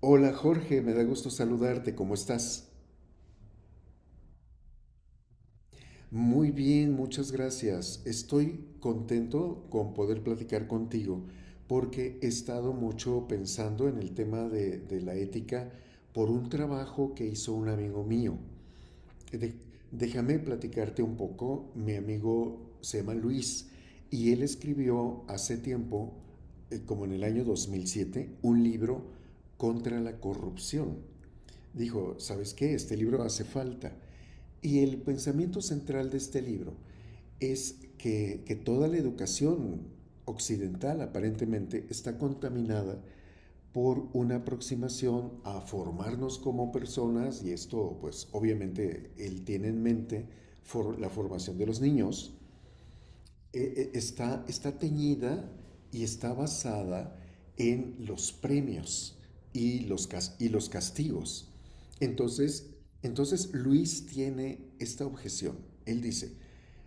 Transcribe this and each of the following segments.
Hola Jorge, me da gusto saludarte, ¿cómo estás? Muy bien, muchas gracias. Estoy contento con poder platicar contigo porque he estado mucho pensando en el tema de la ética por un trabajo que hizo un amigo mío. De- Déjame platicarte un poco, mi amigo se llama Luis y él escribió hace tiempo, como en el año 2007, un libro contra la corrupción. Dijo, ¿sabes qué? Este libro hace falta. Y el pensamiento central de este libro es que toda la educación occidental aparentemente está contaminada por una aproximación a formarnos como personas, y esto pues obviamente él tiene en mente for la formación de los niños, está teñida y está basada en los premios y y los castigos. Entonces, entonces Luis tiene esta objeción. Él dice,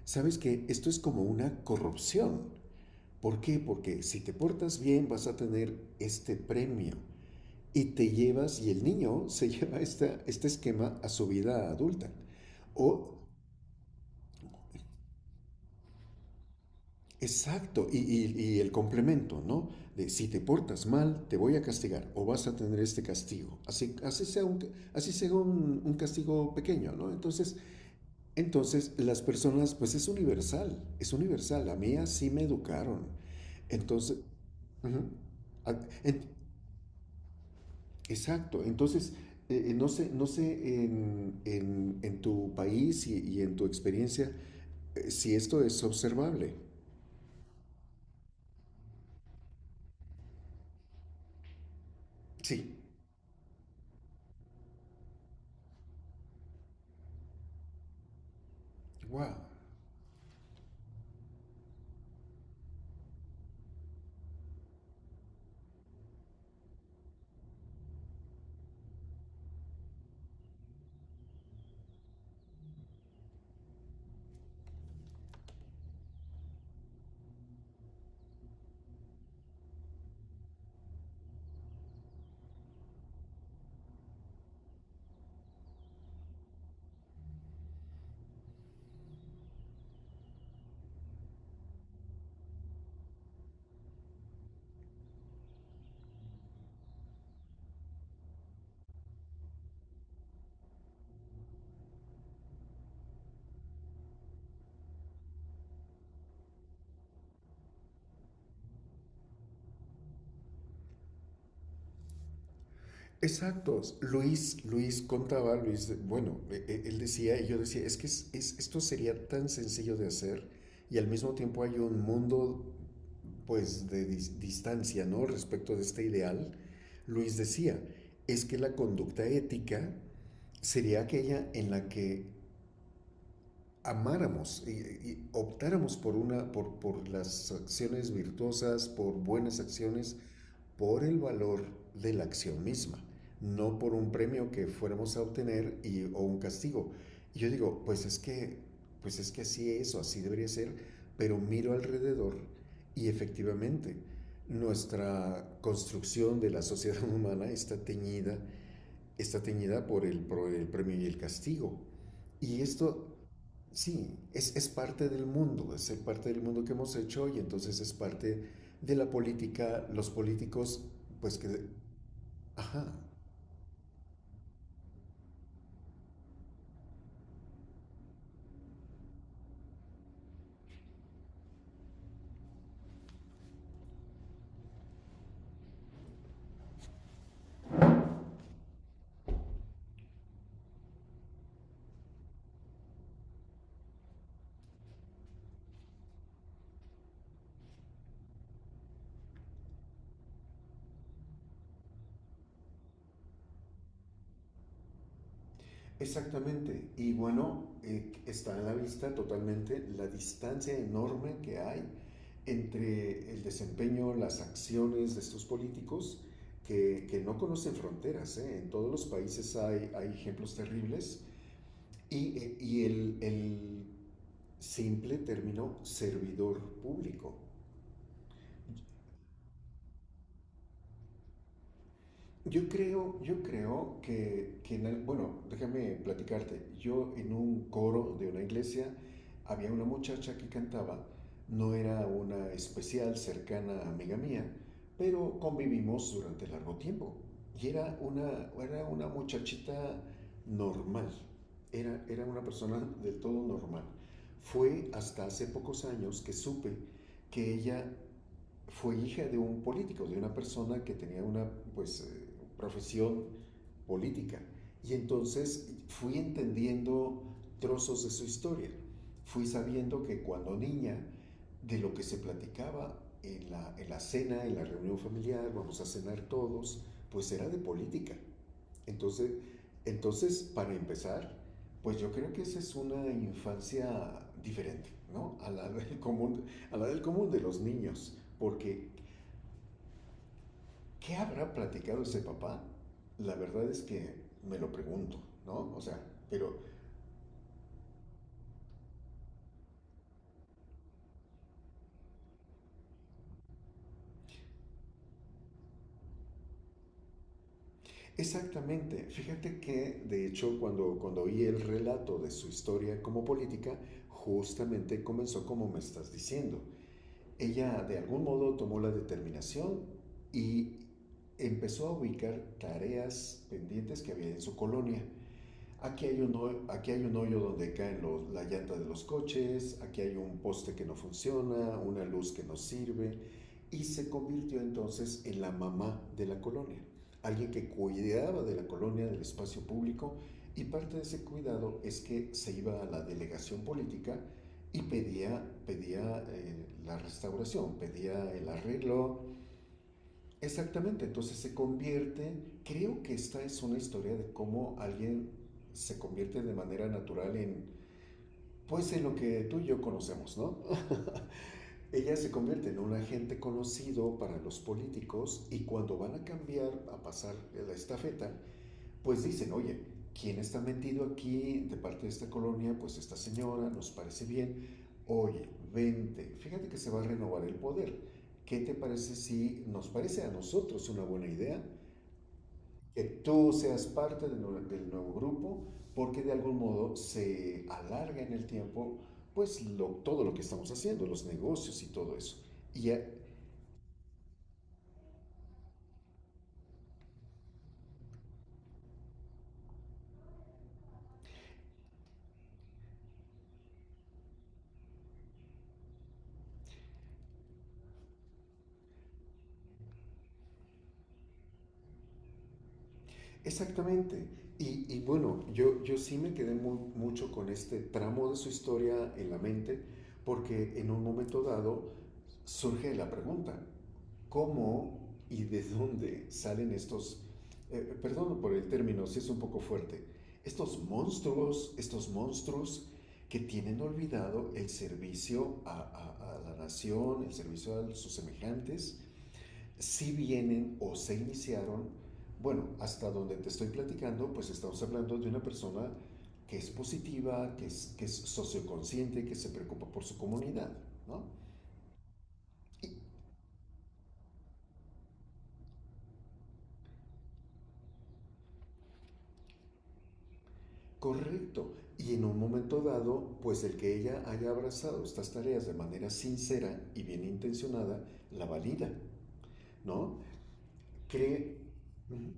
sabes que esto es como una corrupción. ¿Por qué? Porque si te portas bien vas a tener este premio y te llevas, y el niño se lleva este esquema a su vida adulta. O exacto, y el complemento, ¿no? De si te portas mal, te voy a castigar o vas a tener este castigo. Así, así sea un castigo pequeño, ¿no? Entonces, entonces, las personas, pues es universal, es universal. A mí así me educaron. Entonces, ujú. Ah, en- exacto, entonces, no sé, no sé en tu país y en tu experiencia si esto es observable. Sí, wow. Exactos. Luis contaba, Luis, bueno, él decía, y yo decía, es que esto sería tan sencillo de hacer y al mismo tiempo hay un mundo, pues, de distancia, ¿no? Respecto de este ideal. Luis decía, es que la conducta ética sería aquella en la que amáramos y optáramos por por las acciones virtuosas, por buenas acciones, por el valor de la acción misma, no por un premio que fuéramos a obtener y, o un castigo. Y yo digo, pues es que así es o así debería ser, pero miro alrededor y efectivamente nuestra construcción de la sociedad humana está teñida por el premio y el castigo. Y esto sí, es parte del mundo, es parte del mundo que hemos hecho y entonces es parte de la política, los políticos, pues que... Ajá, exactamente. Y bueno, está en la vista totalmente la distancia enorme que hay entre el desempeño, las acciones de estos políticos que no conocen fronteras. ¿Eh? En todos los países hay, hay ejemplos terribles y, el simple término servidor público. Yo creo que, bueno, déjame platicarte. Yo en un coro de una iglesia había una muchacha que cantaba, no era una especial cercana amiga mía, pero convivimos durante largo tiempo. Y era una muchachita normal, era una persona del todo normal. Fue hasta hace pocos años que supe que ella fue hija de un político, de una persona que tenía una pues, profesión política. Y entonces fui entendiendo trozos de su historia. Fui sabiendo que cuando niña, de lo que se platicaba en en la cena, en la reunión familiar, vamos a cenar todos, pues era de política. Entonces, entonces para empezar, pues yo creo que esa es una infancia diferente, ¿no? A la del común, a la del común de los niños, porque ¿qué habrá platicado ese papá? La verdad es que me lo pregunto, ¿no? O sea, pero exactamente, fíjate que de hecho cuando oí el relato de su historia como política, justamente comenzó como me estás diciendo. Ella de algún modo tomó la determinación y empezó a ubicar tareas pendientes que había en su colonia. Aquí hay un hoyo donde caen la llanta de los coches, aquí hay un poste que no funciona, una luz que no sirve, y se convirtió entonces en la mamá de la colonia, alguien que cuidaba de la colonia, del espacio público, y parte de ese cuidado es que se iba a la delegación política y pedía, pedía la restauración, pedía el arreglo. Exactamente, entonces se convierte, creo que esta es una historia de cómo alguien se convierte de manera natural en, pues en lo que tú y yo conocemos, ¿no? Ella se convierte en un agente conocido para los políticos y cuando van a cambiar, a pasar la estafeta, pues dicen, oye, ¿quién está metido aquí de parte de esta colonia? Pues esta señora, nos parece bien. Oye, vente, fíjate que se va a renovar el poder. ¿Qué te parece si nos parece a nosotros una buena idea? Que tú seas parte del nuevo grupo, porque de algún modo se alarga en el tiempo pues todo lo que estamos haciendo, los negocios y todo eso. Y exactamente. Y bueno, yo sí me quedé mucho con este tramo de su historia en la mente, porque en un momento dado surge la pregunta, ¿cómo y de dónde salen estos, perdón por el término, si es un poco fuerte, estos monstruos que tienen olvidado el servicio a la nación, el servicio a sus semejantes, si vienen o se iniciaron, bueno, hasta donde te estoy platicando, pues estamos hablando de una persona que es positiva, que es socioconsciente, que se preocupa por su comunidad, ¿no? Correcto. Y en un momento dado, pues el que ella haya abrazado estas tareas de manera sincera y bien intencionada, la valida, ¿no? Cree mm,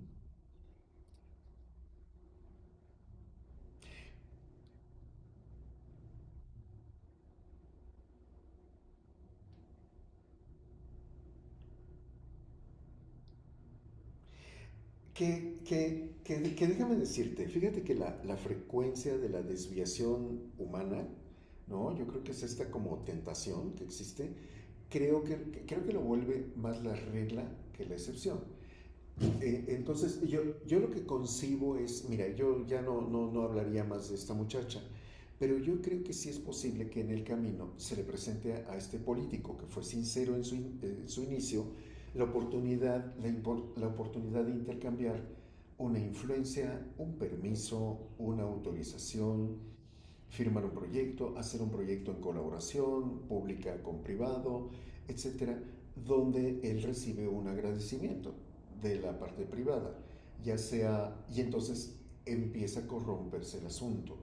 que déjame decirte, fíjate que la frecuencia de la desviación humana, ¿no? Yo creo que es esta como tentación que existe. Creo creo que lo vuelve más la regla que la excepción. Entonces, yo lo que concibo es, mira, yo ya no hablaría más de esta muchacha, pero yo creo que sí es posible que en el camino se le presente a este político que fue sincero en su, in, en su inicio la oportunidad, la oportunidad de intercambiar una influencia, un permiso, una autorización, firmar un proyecto, hacer un proyecto en colaboración pública con privado, etcétera, donde él recibe un agradecimiento de la parte privada, ya sea, y entonces empieza a corromperse el asunto.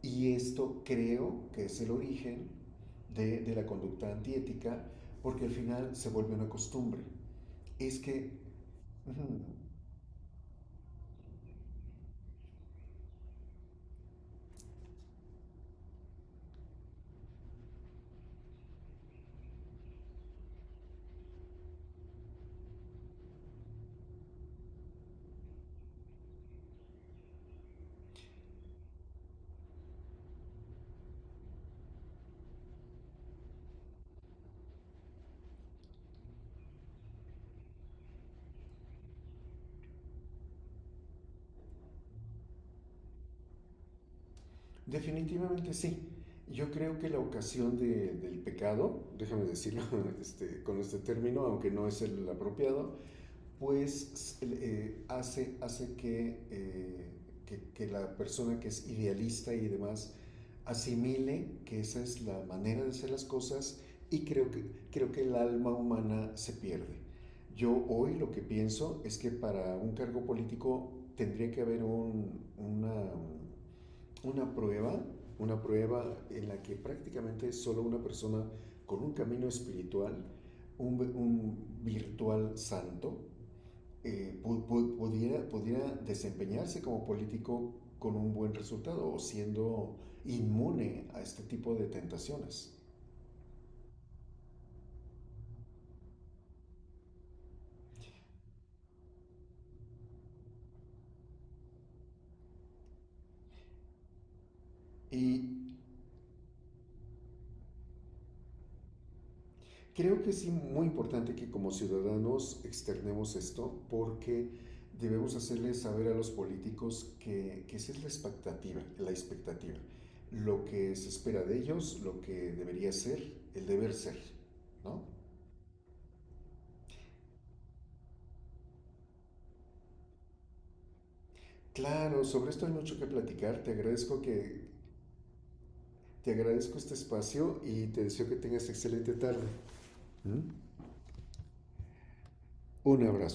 Y esto creo que es el origen de la conducta antiética, porque al final se vuelve una costumbre. Es que mm, definitivamente sí. Yo creo que la ocasión del pecado, déjame decirlo este, con este término, aunque no es el apropiado, pues hace, hace que, que la persona que es idealista y demás asimile que esa es la manera de hacer las cosas y creo creo que el alma humana se pierde. Yo hoy lo que pienso es que para un cargo político tendría que haber una prueba, una prueba en la que prácticamente solo una persona con un camino espiritual, un virtual santo, pudiera, pudiera desempeñarse como político con un buen resultado o siendo inmune a este tipo de tentaciones. Y creo que es muy importante que como ciudadanos externemos esto porque debemos hacerles saber a los políticos que esa es la expectativa, lo que se espera de ellos, lo que debería ser, el deber ser, ¿no? Claro, sobre esto hay mucho que platicar. Te agradezco este espacio y te deseo que tengas excelente tarde. ¿Mm? Un abrazo.